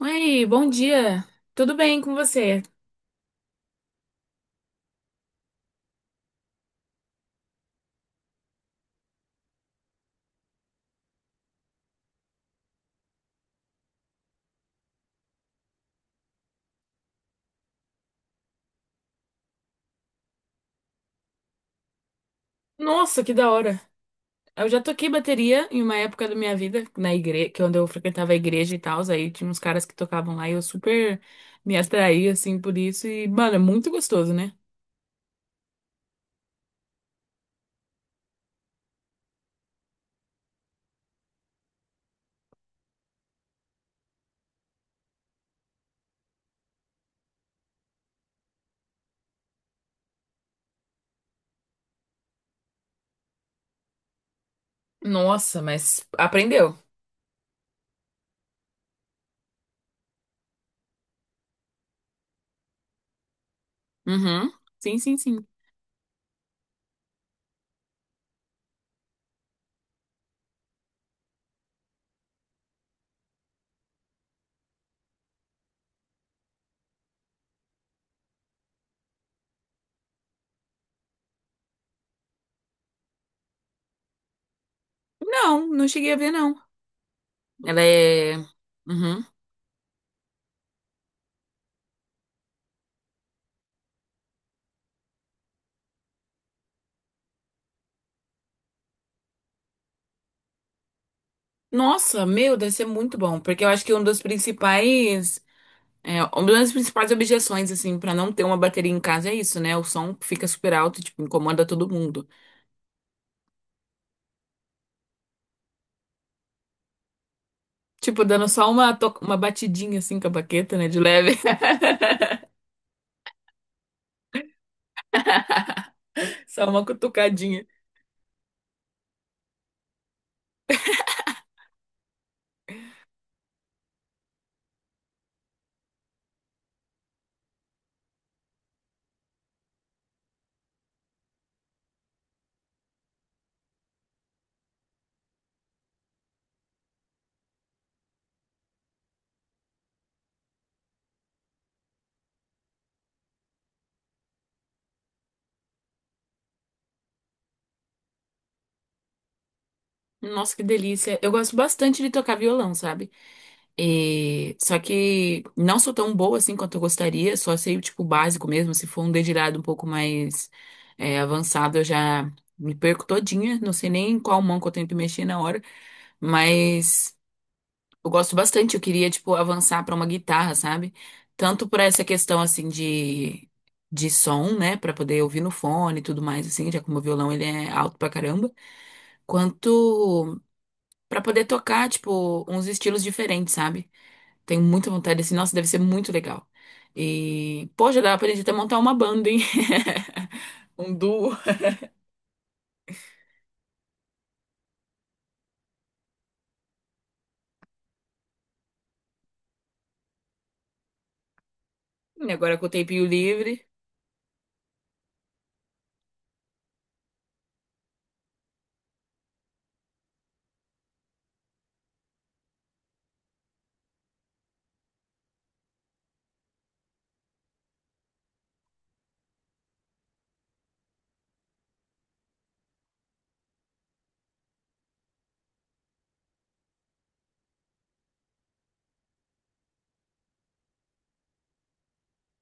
Oi, bom dia. Tudo bem com você? Nossa, que da hora. Eu já toquei bateria em uma época da minha vida, na igreja, que é onde eu frequentava a igreja e tal, aí tinha uns caras que tocavam lá e eu super me atraí assim por isso e, mano, é muito gostoso, né? Nossa, mas aprendeu. Uhum. Sim, sim, sim. Não, não cheguei a ver não. Ela é. Uhum. Nossa, meu, deve ser muito bom, porque eu acho que um dos principais. É, uma das principais objeções, assim, pra não ter uma bateria em casa é isso, né? O som fica super alto, tipo, incomoda todo mundo. Tipo, dando só uma batidinha, assim, com a baqueta, né? De leve. Só uma cutucadinha. Nossa, que delícia. Eu gosto bastante de tocar violão, sabe? E só que não sou tão boa, assim, quanto eu gostaria. Só sei, tipo, o básico mesmo. Se for um dedilhado um pouco mais avançado, eu já me perco todinha. Não sei nem em qual mão que eu tenho que mexer na hora. Mas eu gosto bastante, eu queria, tipo, avançar pra uma guitarra, sabe? Tanto por essa questão, assim, de som, né? Pra poder ouvir no fone e tudo mais, assim, já como o violão ele é alto pra caramba, quanto pra poder tocar, tipo, uns estilos diferentes, sabe? Tenho muita vontade, assim, nossa, deve ser muito legal. E, pô, já dava pra gente até montar uma banda, hein? Um duo. E agora com o tempinho livre.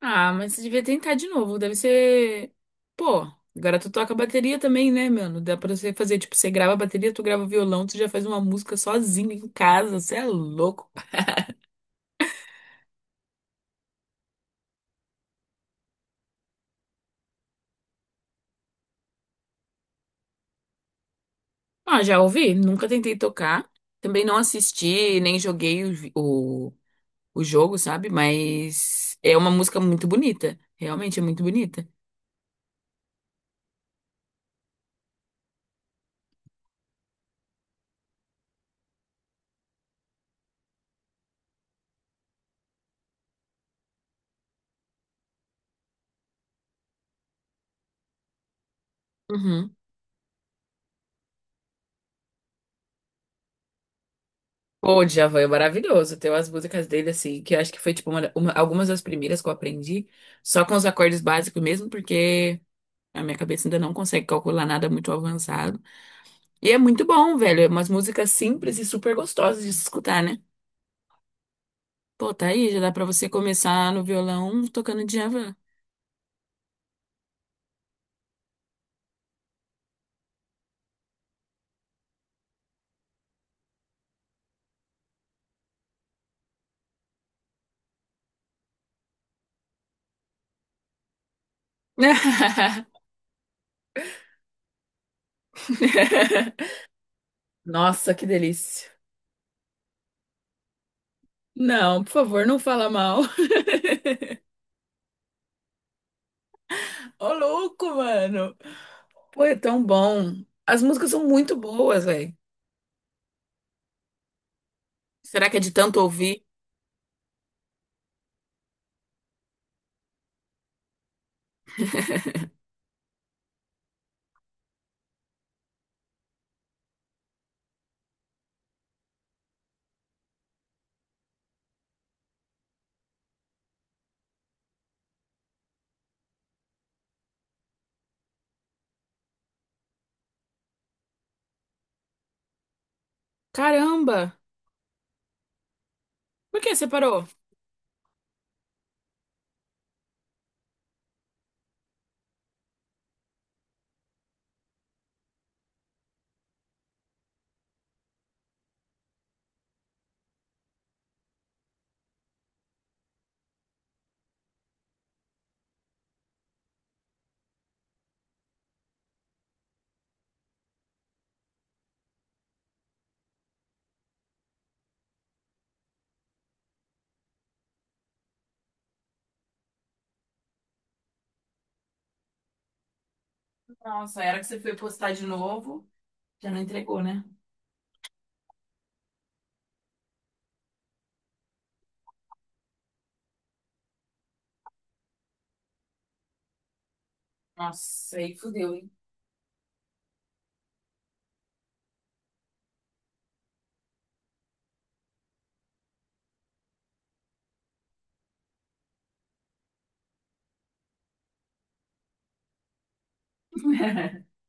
Ah, mas você devia tentar de novo. Deve ser. Pô, agora tu toca bateria também, né, mano? Dá pra você fazer, tipo, você grava a bateria, tu grava o violão, tu já faz uma música sozinho em casa. Você é louco. Ah, já ouvi, nunca tentei tocar. Também não assisti, nem joguei o, vi- o jogo, sabe? Mas é uma música muito bonita. Realmente é muito bonita. Uhum. Pô, o Djavan é maravilhoso. Tem umas músicas dele, assim, que eu acho que foi, tipo, algumas das primeiras que eu aprendi. Só com os acordes básicos mesmo, porque a minha cabeça ainda não consegue calcular nada muito avançado. E é muito bom, velho. É umas músicas simples e super gostosas de se escutar, né? Pô, tá aí, já dá pra você começar no violão tocando Djavan. Nossa, que delícia. Não, por favor, não fala mal. Ô, louco, mano. Pô, é tão bom. As músicas são muito boas, velho. Será que é de tanto ouvir? Caramba. Por que você parou? Nossa, era que você foi postar de novo, já não entregou, né? Nossa, aí fudeu, hein?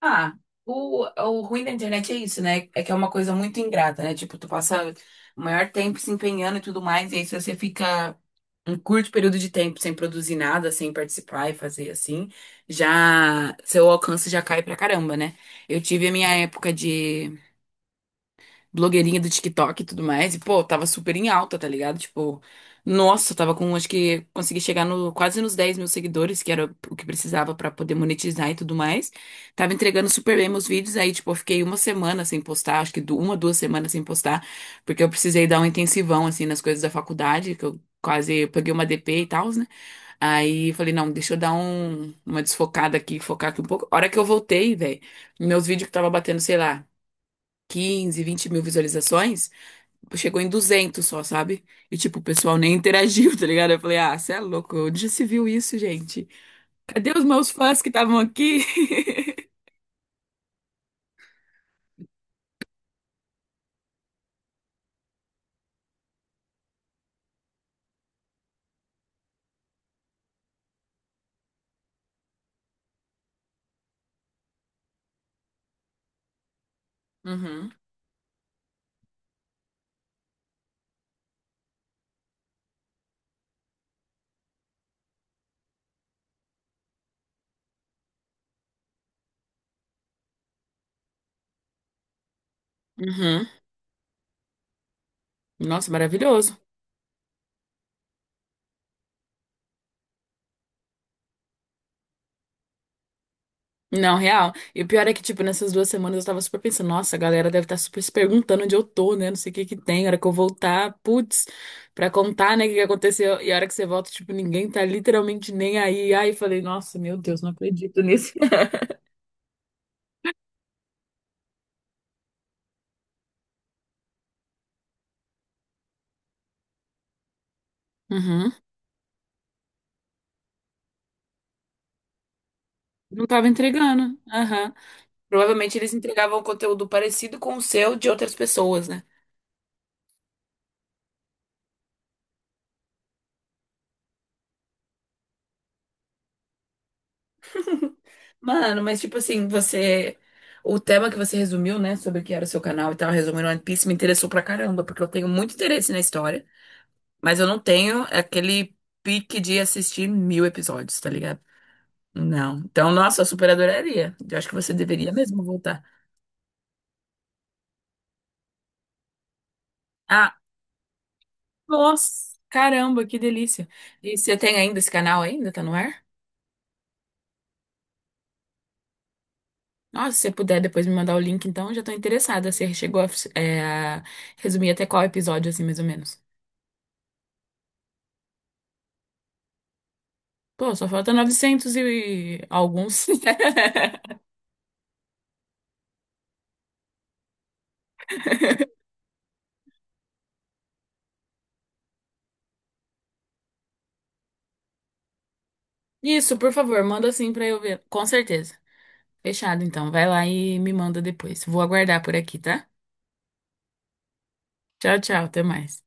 Ah, o ruim da internet é isso, né? É que é uma coisa muito ingrata, né? Tipo, tu passa o maior tempo se empenhando e tudo mais, e aí se você fica um curto período de tempo sem produzir nada, sem participar e fazer assim, já seu alcance já cai pra caramba, né? Eu tive a minha época de blogueirinha do TikTok e tudo mais. E, pô, tava super em alta, tá ligado? Tipo, nossa, eu tava com, acho que consegui chegar no, quase nos 10 mil seguidores, que era o que precisava pra poder monetizar e tudo mais. Tava entregando super bem meus vídeos, aí, tipo, eu fiquei uma semana sem postar, acho que 2 semanas sem postar, porque eu precisei dar um intensivão, assim, nas coisas da faculdade, que eu quase peguei uma DP e tal, né? Aí falei, não, deixa eu dar uma desfocada aqui, focar aqui um pouco. A hora que eu voltei, velho, meus vídeos que tava batendo, sei lá. 15, 20 mil visualizações, chegou em 200 só, sabe? E, tipo, o pessoal nem interagiu, tá ligado? Eu falei, ah, você é louco, onde já se viu isso, gente? Cadê os meus fãs que estavam aqui? Uhum. Uhum. Nossa, maravilhoso. Não, real. E o pior é que, tipo, nessas 2 semanas eu tava super pensando, nossa, a galera deve estar super se perguntando onde eu tô, né? Não sei o que que tem, a hora que eu voltar, putz, pra contar, né, o que que aconteceu. E a hora que você volta, tipo, ninguém tá literalmente nem aí. Aí eu falei, nossa, meu Deus, não acredito nisso. Uhum. Não tava entregando. Aham. Provavelmente eles entregavam conteúdo parecido com o seu de outras pessoas, né? Mano, mas tipo assim, você. O tema que você resumiu, né, sobre o que era o seu canal e tal, resumindo One Piece, me interessou pra caramba, porque eu tenho muito interesse na história. Mas eu não tenho aquele pique de assistir 1.000 episódios, tá ligado? Não. Então, nossa, eu super adoraria. Eu acho que você deveria mesmo voltar. Ah, nossa, caramba, que delícia. E você tem ainda esse canal ainda? Tá no ar? Nossa, se você puder depois me mandar o link, então, eu já tô interessada. Você chegou é, a resumir até qual episódio, assim, mais ou menos. Pô, só falta 900 e alguns. Isso, por favor, manda assim pra eu ver. Com certeza. Fechado, então. Vai lá e me manda depois. Vou aguardar por aqui, tá? Tchau, tchau, até mais.